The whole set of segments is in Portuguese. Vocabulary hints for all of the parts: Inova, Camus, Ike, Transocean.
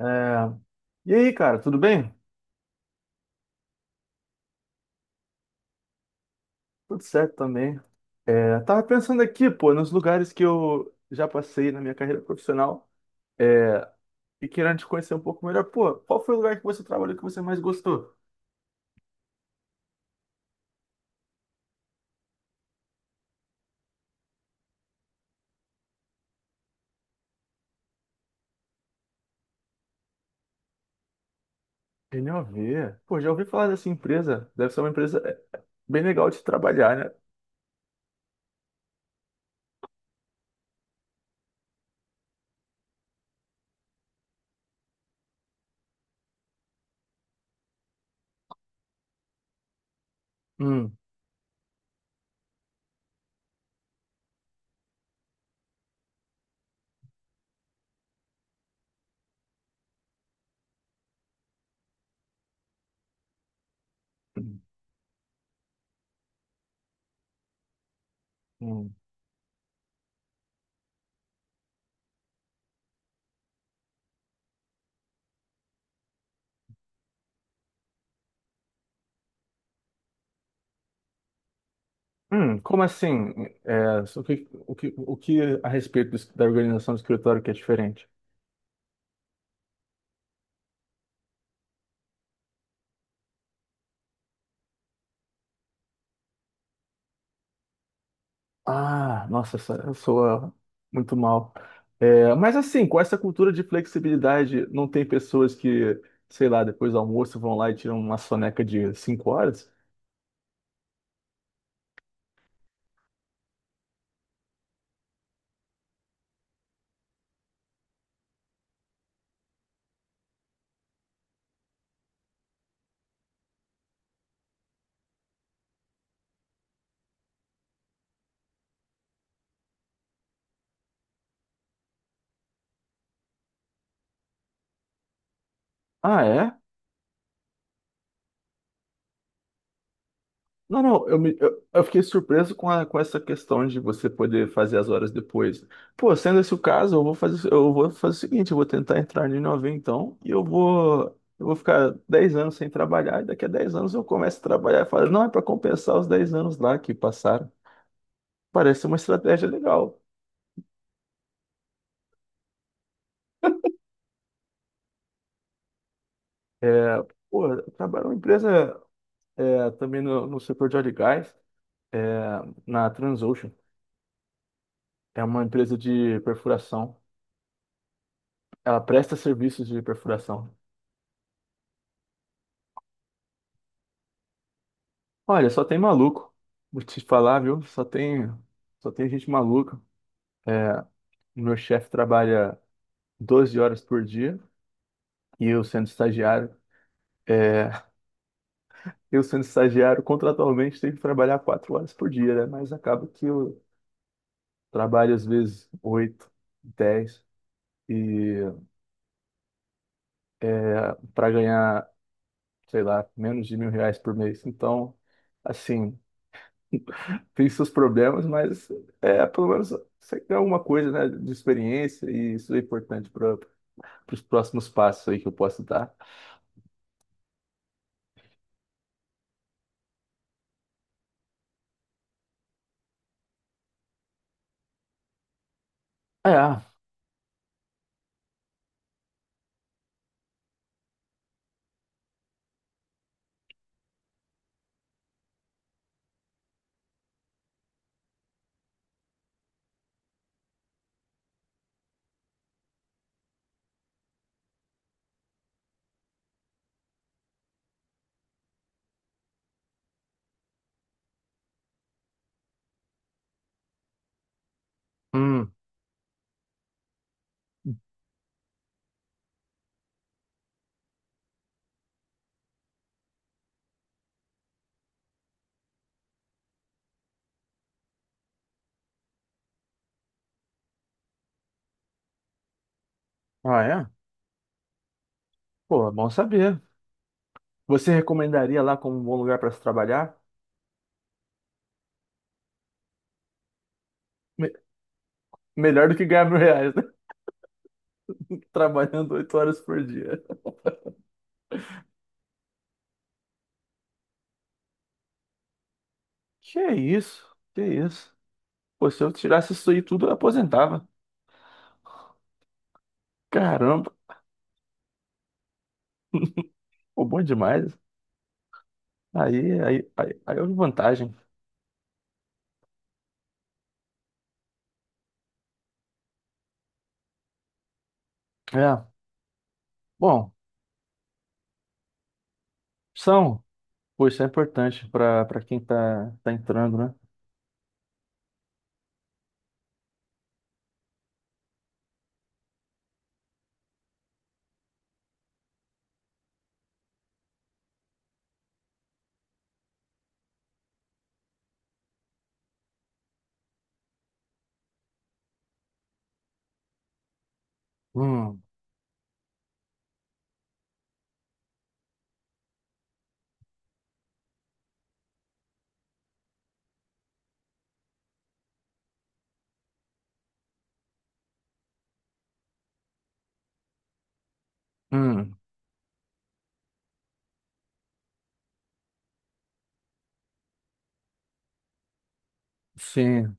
É. E aí, cara, tudo bem? Tudo certo também. Tava pensando aqui, pô, nos lugares que eu já passei na minha carreira profissional, é, e querendo te conhecer um pouco melhor. Pô, qual foi o lugar que você trabalhou que você mais gostou? NOV. Pô, já ouvi falar dessa empresa. Deve ser uma empresa bem legal de trabalhar, né? Hum, hum. Como assim? O que, o que a respeito da organização do escritório que é diferente? Ah, nossa, soa muito mal. É, mas assim, com essa cultura de flexibilidade, não tem pessoas que, sei lá, depois do almoço vão lá e tiram uma soneca de cinco horas? Ah, é? Não, não, eu, me- eu fiquei surpreso com essa questão de você poder fazer as horas depois. Pô, sendo esse o caso, eu vou fazer o seguinte, eu vou tentar entrar no Inova então, eu vou ficar 10 anos sem trabalhar, e daqui a 10 anos eu começo a trabalhar e falo, não, é para compensar os 10 anos lá que passaram. Parece uma estratégia legal. É, pô, eu trabalho numa empresa, também no setor de óleo e gás, é, na Transocean. É uma empresa de perfuração. Ela presta serviços de perfuração. Olha, só tem maluco. Vou te falar, viu? Só tem gente maluca. É, meu chefe trabalha 12 horas por dia e eu sendo estagiário. é, eu sendo estagiário, contratualmente, tenho que trabalhar 4 horas por dia, né? Mas acaba que eu trabalho às vezes 8, dez, e para ganhar, sei lá, menos de mil reais por mês. Então, assim, tem seus problemas, mas é pelo menos você tem alguma coisa, né, de experiência, e isso é importante para os próximos passos aí que eu posso dar. É, hum, ah, é? Pô, é bom saber. Você recomendaria lá como um bom lugar para se trabalhar? Me- melhor do que ganhar mil reais, né? Trabalhando oito horas por dia. Que isso? Que isso? Pô, se eu tirasse isso aí tudo, eu aposentava. Caramba, pô, bom demais. Aí, aí, aí, aí houve vantagem. É, bom, são, pô, isso é importante para quem tá, tá entrando, né? Hum, hum, sim.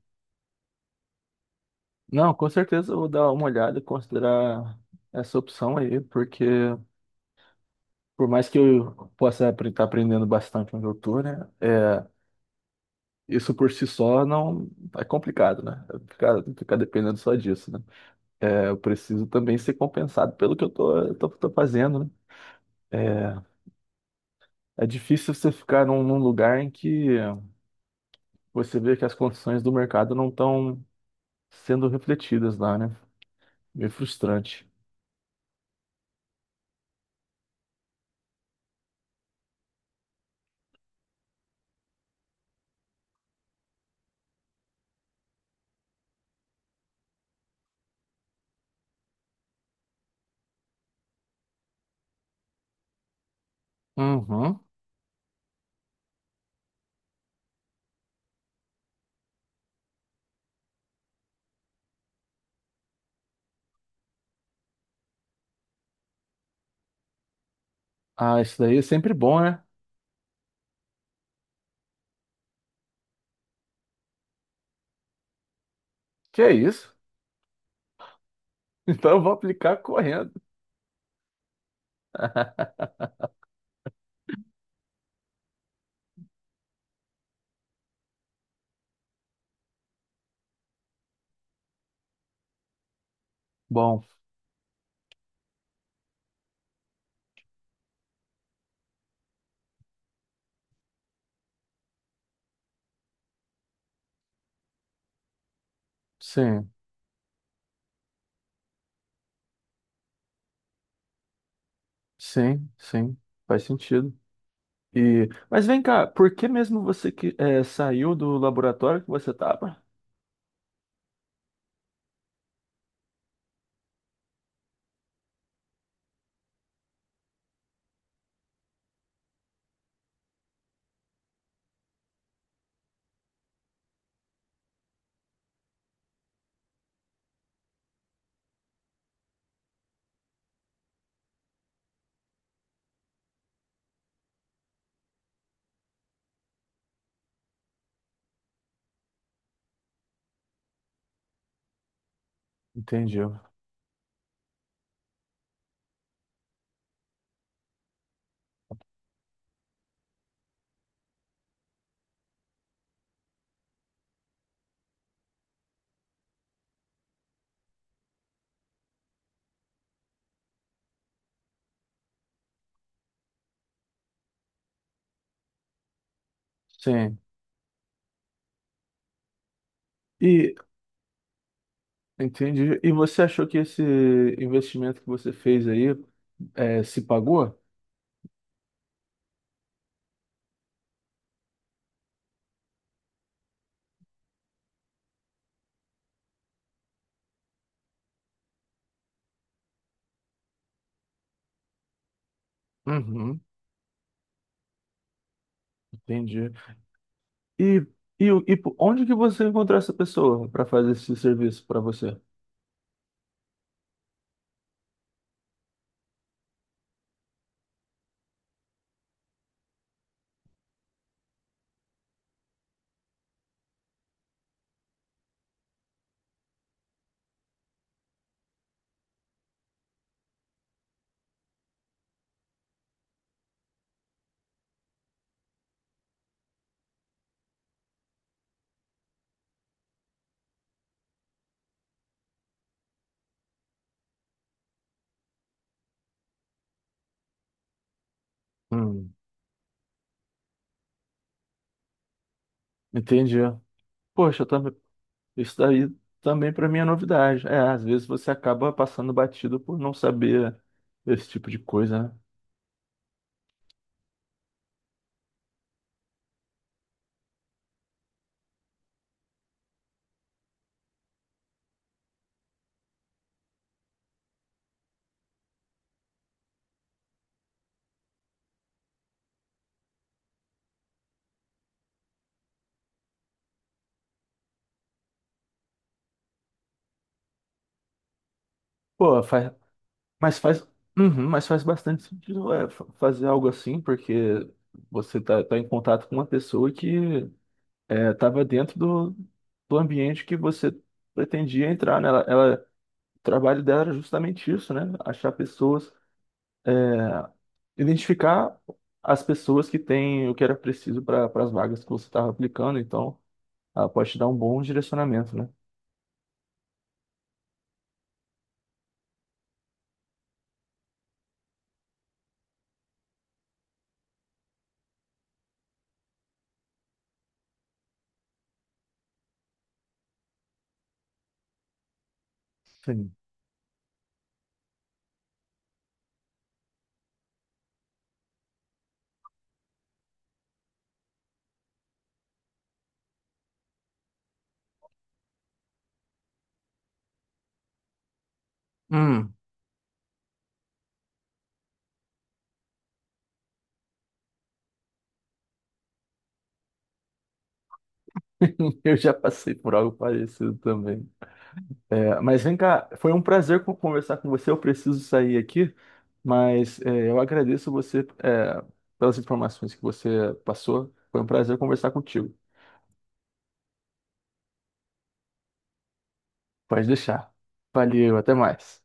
Não, com certeza eu vou dar uma olhada e considerar essa opção aí, porque por mais que eu possa estar aprendendo bastante onde eu tô, né? É, isso por si só não é complicado, né? Ficar dependendo só disso, né? É, eu preciso também ser compensado pelo que tô fazendo, né? É, é difícil você ficar num lugar em que você vê que as condições do mercado não estão sendo refletidas lá, né? Meio frustrante. Uhum. Ah, isso daí é sempre bom, né? Que é isso? Então eu vou aplicar correndo. Bom, sim, sim, sim, faz sentido. E, mas vem cá, por que mesmo você que saiu do laboratório que você estava? Entendi. Sim. E entendi. E você achou que esse investimento que você fez aí se pagou? Uhum, entendi. E, onde que você encontrou essa pessoa para fazer esse serviço para você? Hum, entendi. Poxa, eu também. Isso daí também para mim é novidade. É, às vezes você acaba passando batido por não saber esse tipo de coisa, né? Pô, faz, mas faz, Uhum, mas faz bastante sentido, fazer algo assim, porque você tá, tá em contato com uma pessoa que, tava dentro do ambiente que você pretendia entrar, né? O trabalho dela era justamente isso, né? Achar pessoas, é, identificar as pessoas que têm o que era preciso para as vagas que você estava aplicando, então ela pode te dar um bom direcionamento, né? Sim. Hum. Eu já passei por algo parecido também. É, mas vem cá, foi um prazer conversar com você. Eu preciso sair aqui, mas eu agradeço você, pelas informações que você passou. Foi um prazer conversar contigo. Pode deixar. Valeu, até mais.